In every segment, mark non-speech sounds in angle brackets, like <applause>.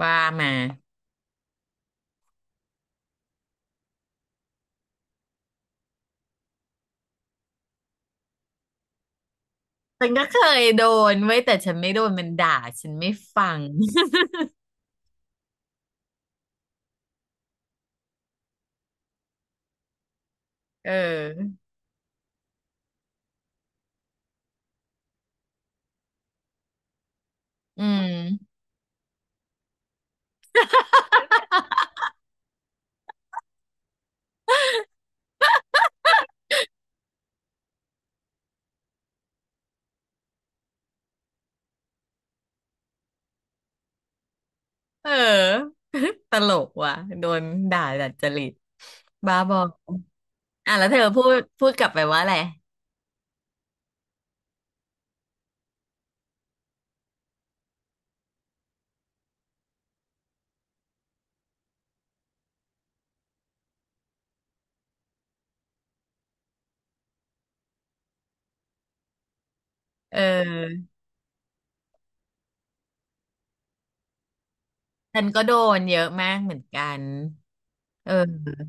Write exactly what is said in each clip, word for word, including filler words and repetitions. ว่ามาฉันก็เคยโดนเว้ยแต่ฉันไม่โดนมันด่าฉันไม่ฟัง <laughs> เอออืมเออ <laughs> ตลกว่ะโดนด่าดัดจริตบ้าบออ่ะแล้วเธอพูดพูดกลับไปว่าอะไรเออฉันก็โดนเยอะมากเหมือนกันเออ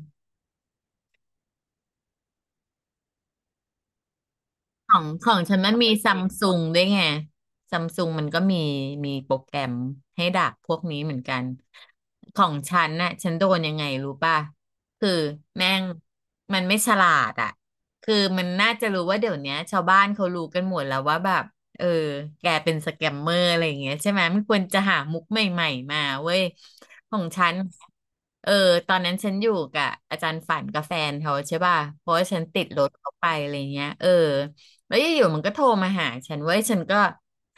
ของของฉันมันมีซัมซุงด้วยไงซัมซุงมันก็มีมีโปรแกรมให้ดักพวกนี้เหมือนกันของฉันน่ะฉันโดนยังไงรู้ป่ะคือแม่งมันไม่ฉลาดอ่ะคือมันน่าจะรู้ว่าเดี๋ยวเนี้ยชาวบ้านเขารู้กันหมดแล้วว่าแบบเออแกเป็นสแกมเมอร์อะไรอย่างเงี้ยใช่ไหมไม่ควรจะหามุกใหม่ๆมาเว้ยของฉันเออตอนนั้นฉันอยู่กับอาจารย์ฝันกับแฟนเขาใช่ป่ะเพราะว่าฉันติดรถเขาไปอะไรเงี้ยเออ แล้วอยู่ๆมันก็โทรมาหาฉันเว้ยฉันก็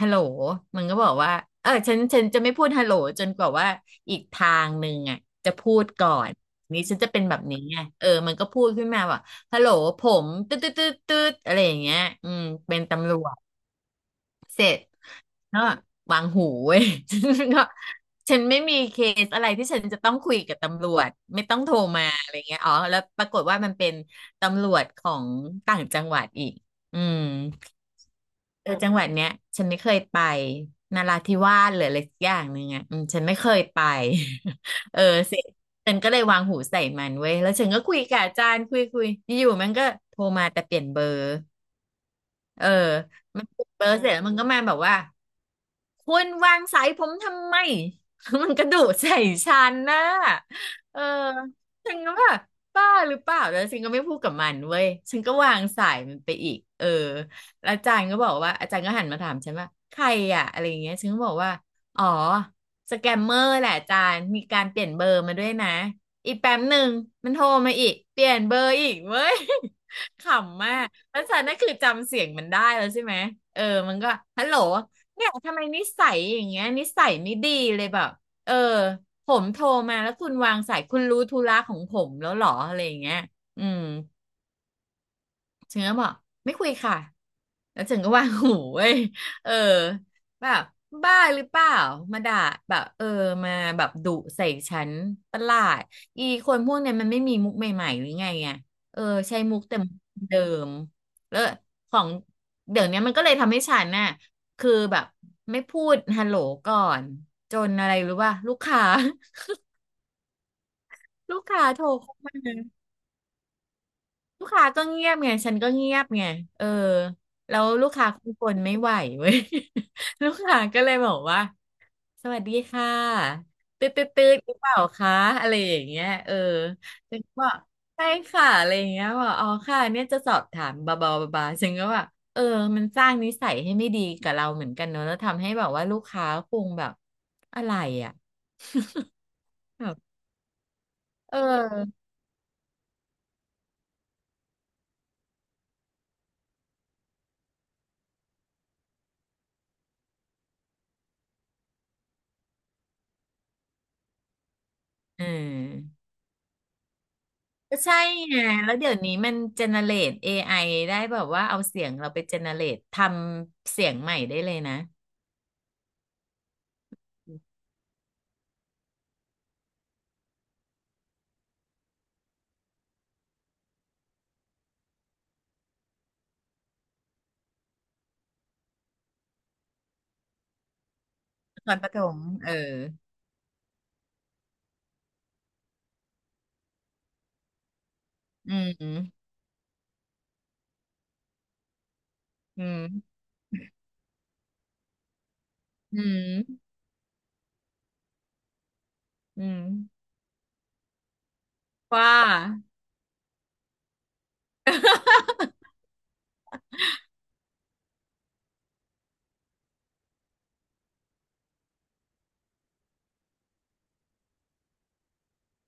ฮัลโหลมันก็บอกว่าเออฉันฉันจะไม่พูดฮัลโหลจนกว่าว่าอีกทางหนึ่งอ่ะจะพูดก่อนนี้ฉันจะเป็นแบบนี้ไงเออมันก็พูดขึ้นมาว่าฮัลโหลผมตืดตืดตืดตดอะไรอย่างเงี้ยอืมเป็นตำรวจเสร็จก็วางหูเว้ย <laughs> ฉันก็ฉันไม่มีเคสอะไรที่ฉันจะต้องคุยกับตำรวจไม่ต้องโทรมาอะไรเงี้ยอ๋อแล้วปรากฏว่ามันเป็นตำรวจของต่างจังหวัดอีกอืม เออจังหวัดเนี้ยฉันไม่เคยไปนราธิวาสหรืออะไรสักอย่างหนึ่งอ่ะอืมฉันไม่เคยไป <laughs> เออสิฉันก็เลยวางหูใส่มันเว้ยแล้วฉันก็คุยกับอาจารย์คุยคุยอยู่ๆมันก็โทรมาแต่เปลี่ยนเบอร์ เออมันปิดเบอร์เสร็จแล้วมันก็มาแบบว่าคุณวางสายผมทำไม <laughs> มันกระโดุใส่ฉันนะเออฉันก็แบบบ้าหรือเปล่าแล้วฉันก็ไม่พูดกับมันเว้ยฉันก็วางสายมันไปอีกเออแล้วอาจารย์ก็บอกว่าอาจารย์ก็หันมาถามฉันว่าใครอะอะไรอย่างเงี้ยฉันก็บอกว่าอ๋อสแกมเมอร์แหละอาจารย์มีการเปลี่ยนเบอร์มาด้วยนะอีกแป๊บหนึ่งมันโทรมาอีกเปลี่ยนเบอร์อีกเว้ย ขำมากแล้วฉันน่ะคือจำเสียงมันได้แล้วใช่ไหม เออมันก็ฮัลโหล เนี่ยทำไมนิสัยอย่างเงี้ยนิสัยไม่ดีเลยแบบ เออผมโทรมาแล้วคุณวางสายคุณรู้ธุระของผมแล้วเหรออะไรอย่างเงี้ยอืม ฉันก็บอกไม่คุยค่ะแล้วฉันก็วางหูเว้ยเออแบบบ้าหรือเปล่ามาด่าแบบเออมาแบบดุใส่ฉันประหลาดอีคนพวกเนี้ยมันไม่มีมุกใหม่ๆหรือไงไงเออใช้มุกแต่มุกเดิมแล้วของเดี๋ยวเนี้ยมันก็เลยทำให้ฉันน่ะคือแบบไม่พูดฮัลโหลก่อนจนอะไรรู้ป่ะลูกค้า <laughs> ลูกค้าโทรเข้ามา ลูกค้าก็เงียบไงฉันก็เงียบไงเออแล้วลูกค้าคงคนไม่ไหวเว้ย <laughs> ลูกค้าก็เลยบอกว่าสวัสดีค่ะตืดตืดตืดหรือเปล่าคะอะไรอย่างเงี้ยเออฉันก็บอกใช่ค่ะอะไรอย่างเงี้ยบอกอ๋อค่ะเนี่ยจะสอบถามบาบาบาบาฉันก็แบบเออมันสร้างนิสัยให้ไม่ดีกับเราเหมือนกันเนอะแล้วทำให้แบบว่าลูกค้าคงแบบอะไรอ่ะแบบเอออืม ก็ใช่ไงแล้วเดี๋ยวนี้มันเจเนเรต เอ ไอ ไอได้แบบว่าเอาเสียงเราไปเจเนเรตทำเสียงใหม่ได้เลยนะตอนประถมเอออืมอืม อืม อืม ว่า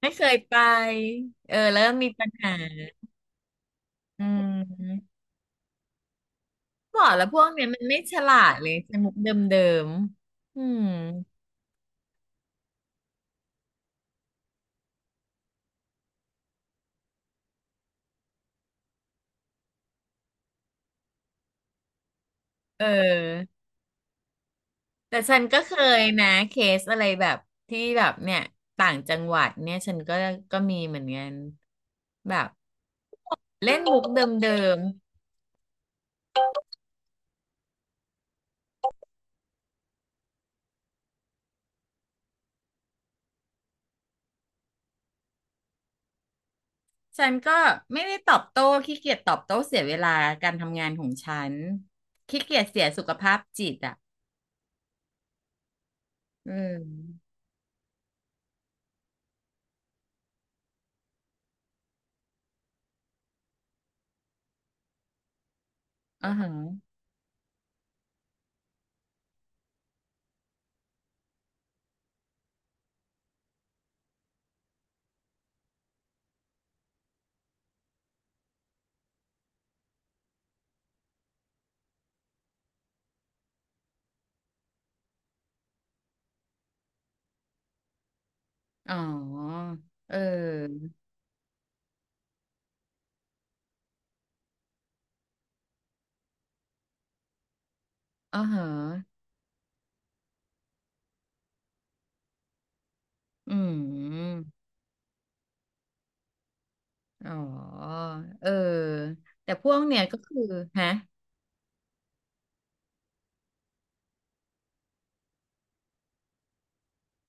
ไม่เคยไป เออแล้วมีปัญหาอืม บอกแล้วพวกเนี้ยมันไม่ฉลาดเลยใช้มุกเดิมๆอืม เออ แต่ฉันก็เคยนะเคสอะไรแบบที่แบบเนี่ยต่างจังหวัดเนี่ยฉันก็ก็มีเหมือนกันแบบเล่นมุกเดิมๆฉันก็ไม่ได้ตอบโต้ขี้เกียจตอบโต้เสียเวลาการทำงานของฉันขี้เกียจเสียสุขภาพจิตอ่ะอืมอ๋อฮะอ๋อเอออ๋อฮะอืมอ๋อเออแต่พวกเนี่ยก็คือฮะ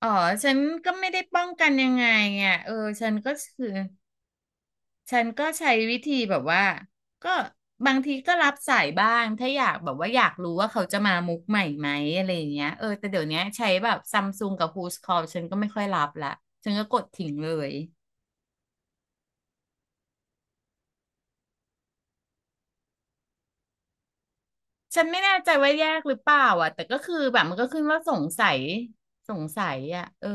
อ๋อฉันก็ไม่ได้ป้องกันยังไงไงเออฉันก็คือฉันก็ใช้วิธีแบบว่าก็บางทีก็รับสายบ้างถ้าอยากแบบว่าอยากรู้ว่าเขาจะมามุกใหม่ไหมอะไรอย่างเงี้ยเออแต่เดี๋ยวเนี้ยใช้แบบซัมซุงกับ Who's Call ฉันก็ไม่ค่อยรับละฉันก็กดทิ้งเลยฉันไม่แน่ใจว่าแยกหรือเปล่าอ่ะแต่ก็คือแบบมันก็ขึ้นว่าสงสัยสงสัยอ่ะเออ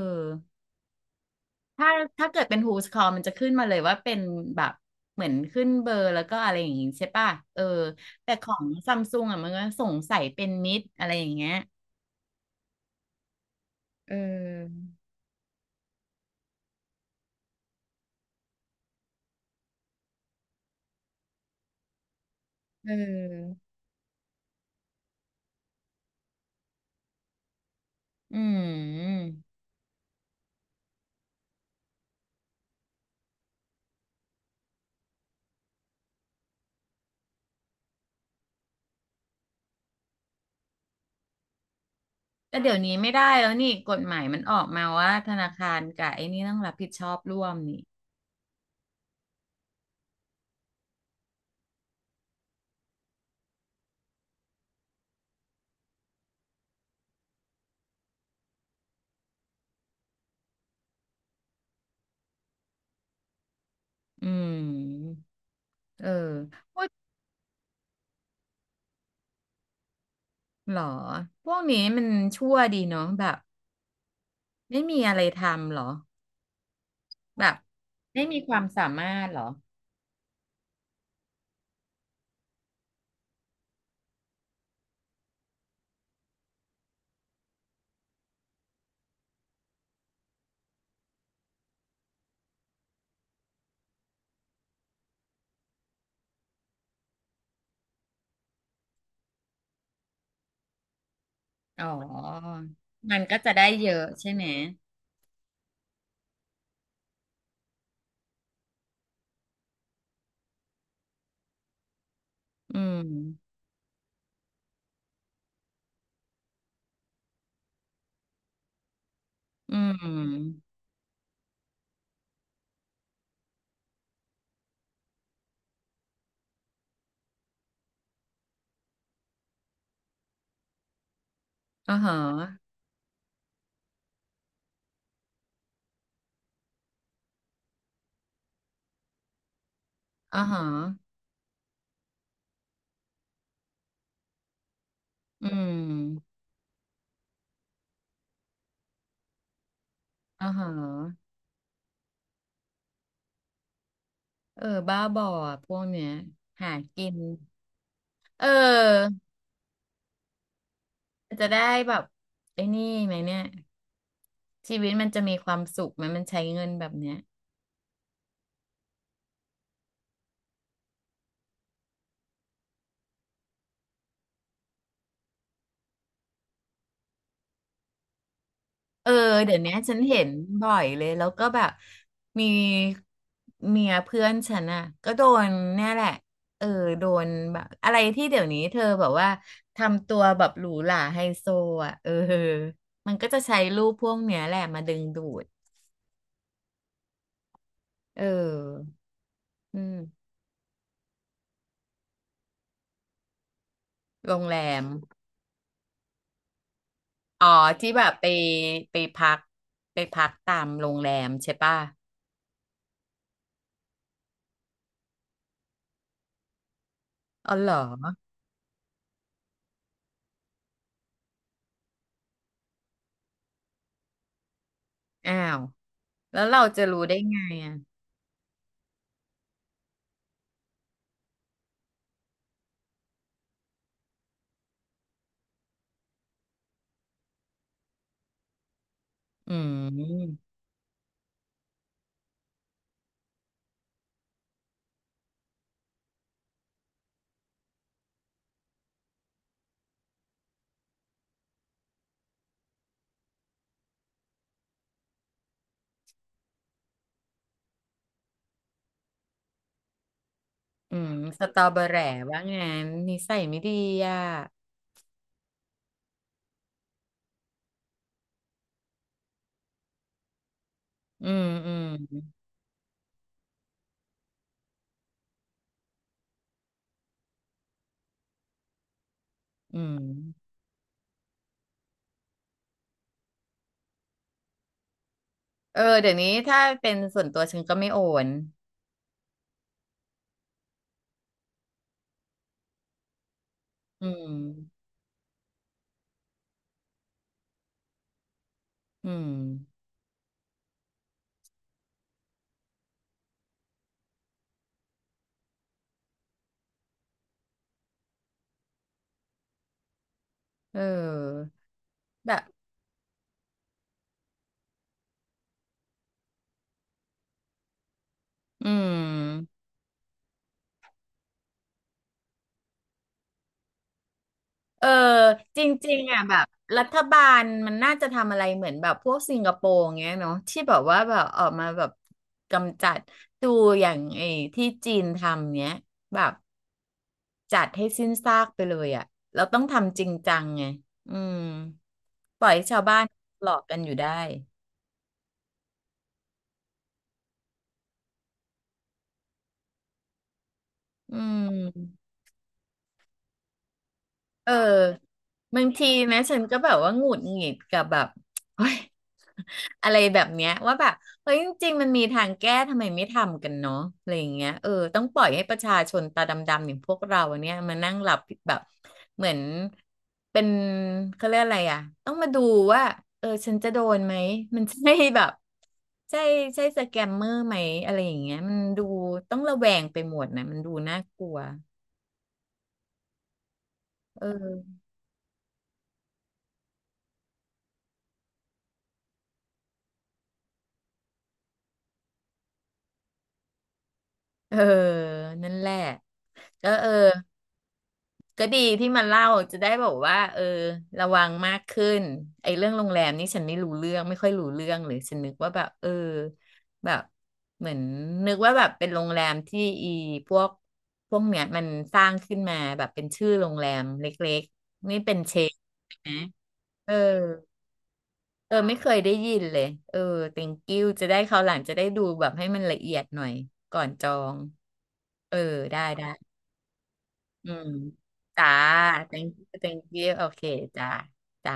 ถ้าถ้าเกิดเป็น Who's Call มันจะขึ้นมาเลยว่าเป็นแบบเหมือนขึ้นเบอร์แล้วก็อะไรอย่างงี้ใช่ป่ะเออแต่ของซัมซุงอ่ะมันก็สงสัยเป็นมิดอะไรอย่างเงี้ยเออเอออืมแต่เดี๋ยวนี้ไม่ได้แล้วนี่กฎหมายมันออกมาว่าธนาคารกับไอ้นี่ต้องรับผิดชอบร่วมนี่อืมเออหรอพวกนี้มันชั่วดีเนาะแบบไม่มีอะไรทำหรอแบบไม่มีความสามารถหรอ อ๋อมันก็จะได้เยอะใช่ไหม อืมอืมอ่าฮะอ่าฮะอืมอ่าฮะเออบ้าบออะพวกเนี้ยหากินเออจะได้แบบไอ้นี่ไหมเนี่ยชีวิตมันจะมีความสุขไหมมันใช้เงินแบบเนี้ย เออเดี๋ยวเนี้ยฉันเห็นบ่อยเลยแล้วก็แบบมีเมียเพื่อนฉันอ่ะก็โดนเนี่ยแหละเออโดนแบบอะไรที่เดี๋ยวนี้เธอแบบว่าทำตัวแบบหรูหราไฮโซอ่ะเออมันก็จะใช้รูปพวกเนี้ยแหละมาดึงดูดเอออืมโรงแรมอ๋อที่แบบไปไปพักไปพักตามโรงแรมใช่ป่ะอ๋อเหรออ้าวแล้วเราจะรู้ได้ไงอ่ะอืม อืมสตอเบอแหร่ว่างั้นนิสัยไม่ดีอ่ะอืมอืมอืมเออเดี๋ยวนี้ถ้าเป็นส่วนตัวฉันก็ไม่โอนอืมอืมเออแบบอืม เออจริงๆอ่ะแบบรัฐบาลมันน่าจะทำอะไรเหมือนแบบพวกสิงคโปร์อย่างเงี้ยเนาะที่แบบว่าแบบออกมาแบบกำจัดดูอย่างไอ้ที่จีนทำเนี้ยแบบจัดให้สิ้นซากไปเลยอ่ะเราต้องทำจริงจังไงอืมปล่อยให้ชาวบ้านหลอกกันอยู่ได้อืม เออบางทีนะฉันก็แบบว่าหงุดหงิดกับแบบเฮ้ย <laughs> อะไรแบบเนี้ยว่าแบบเฮ้ยจริงๆมันมีทางแก้ทำไมไม่ทำกันเนาะอะไรอย่างเงี้ยเออต้องปล่อยให้ประชาชนตาดำๆอย่างพวกเราเนี่ยมานั่งหลับแบบเหมือนเป็นเขาเรียกอะไรอ่ะต้องมาดูว่าเออฉันจะโดนไหมมันใช่แบบใช่ใช่สแกมเมอร์ไหมอะไรอย่างเงี้ยมันดูต้องระแวงไปหมดนะมันดูน่ากลัวเออเออนั่นแหละ เออเออก็ดีที่มันเล่าจะได้บอกว่าเออระวังมากขึ้นไอ้เรื่องโรงแรมนี่ฉันไม่รู้เรื่องไม่ค่อยรู้เรื่องเลยฉันนึกว่าแบบเออแบบเหมือนนึกว่าแบบเป็นโรงแรมที่อีพวกพวกเนี้ยมันสร้างขึ้นมาแบบเป็นชื่อโรงแรมเล็กๆนี่เป็นเชนนะเออเออไม่เคยได้ยินเลยเออ thank you จะได้คราวหลังจะได้ดูแบบให้มันละเอียดหน่อยก่อนจองเออได้ได้ อืมจ่าเต็งกี้เต็งกี้โอเคจ่าจ่า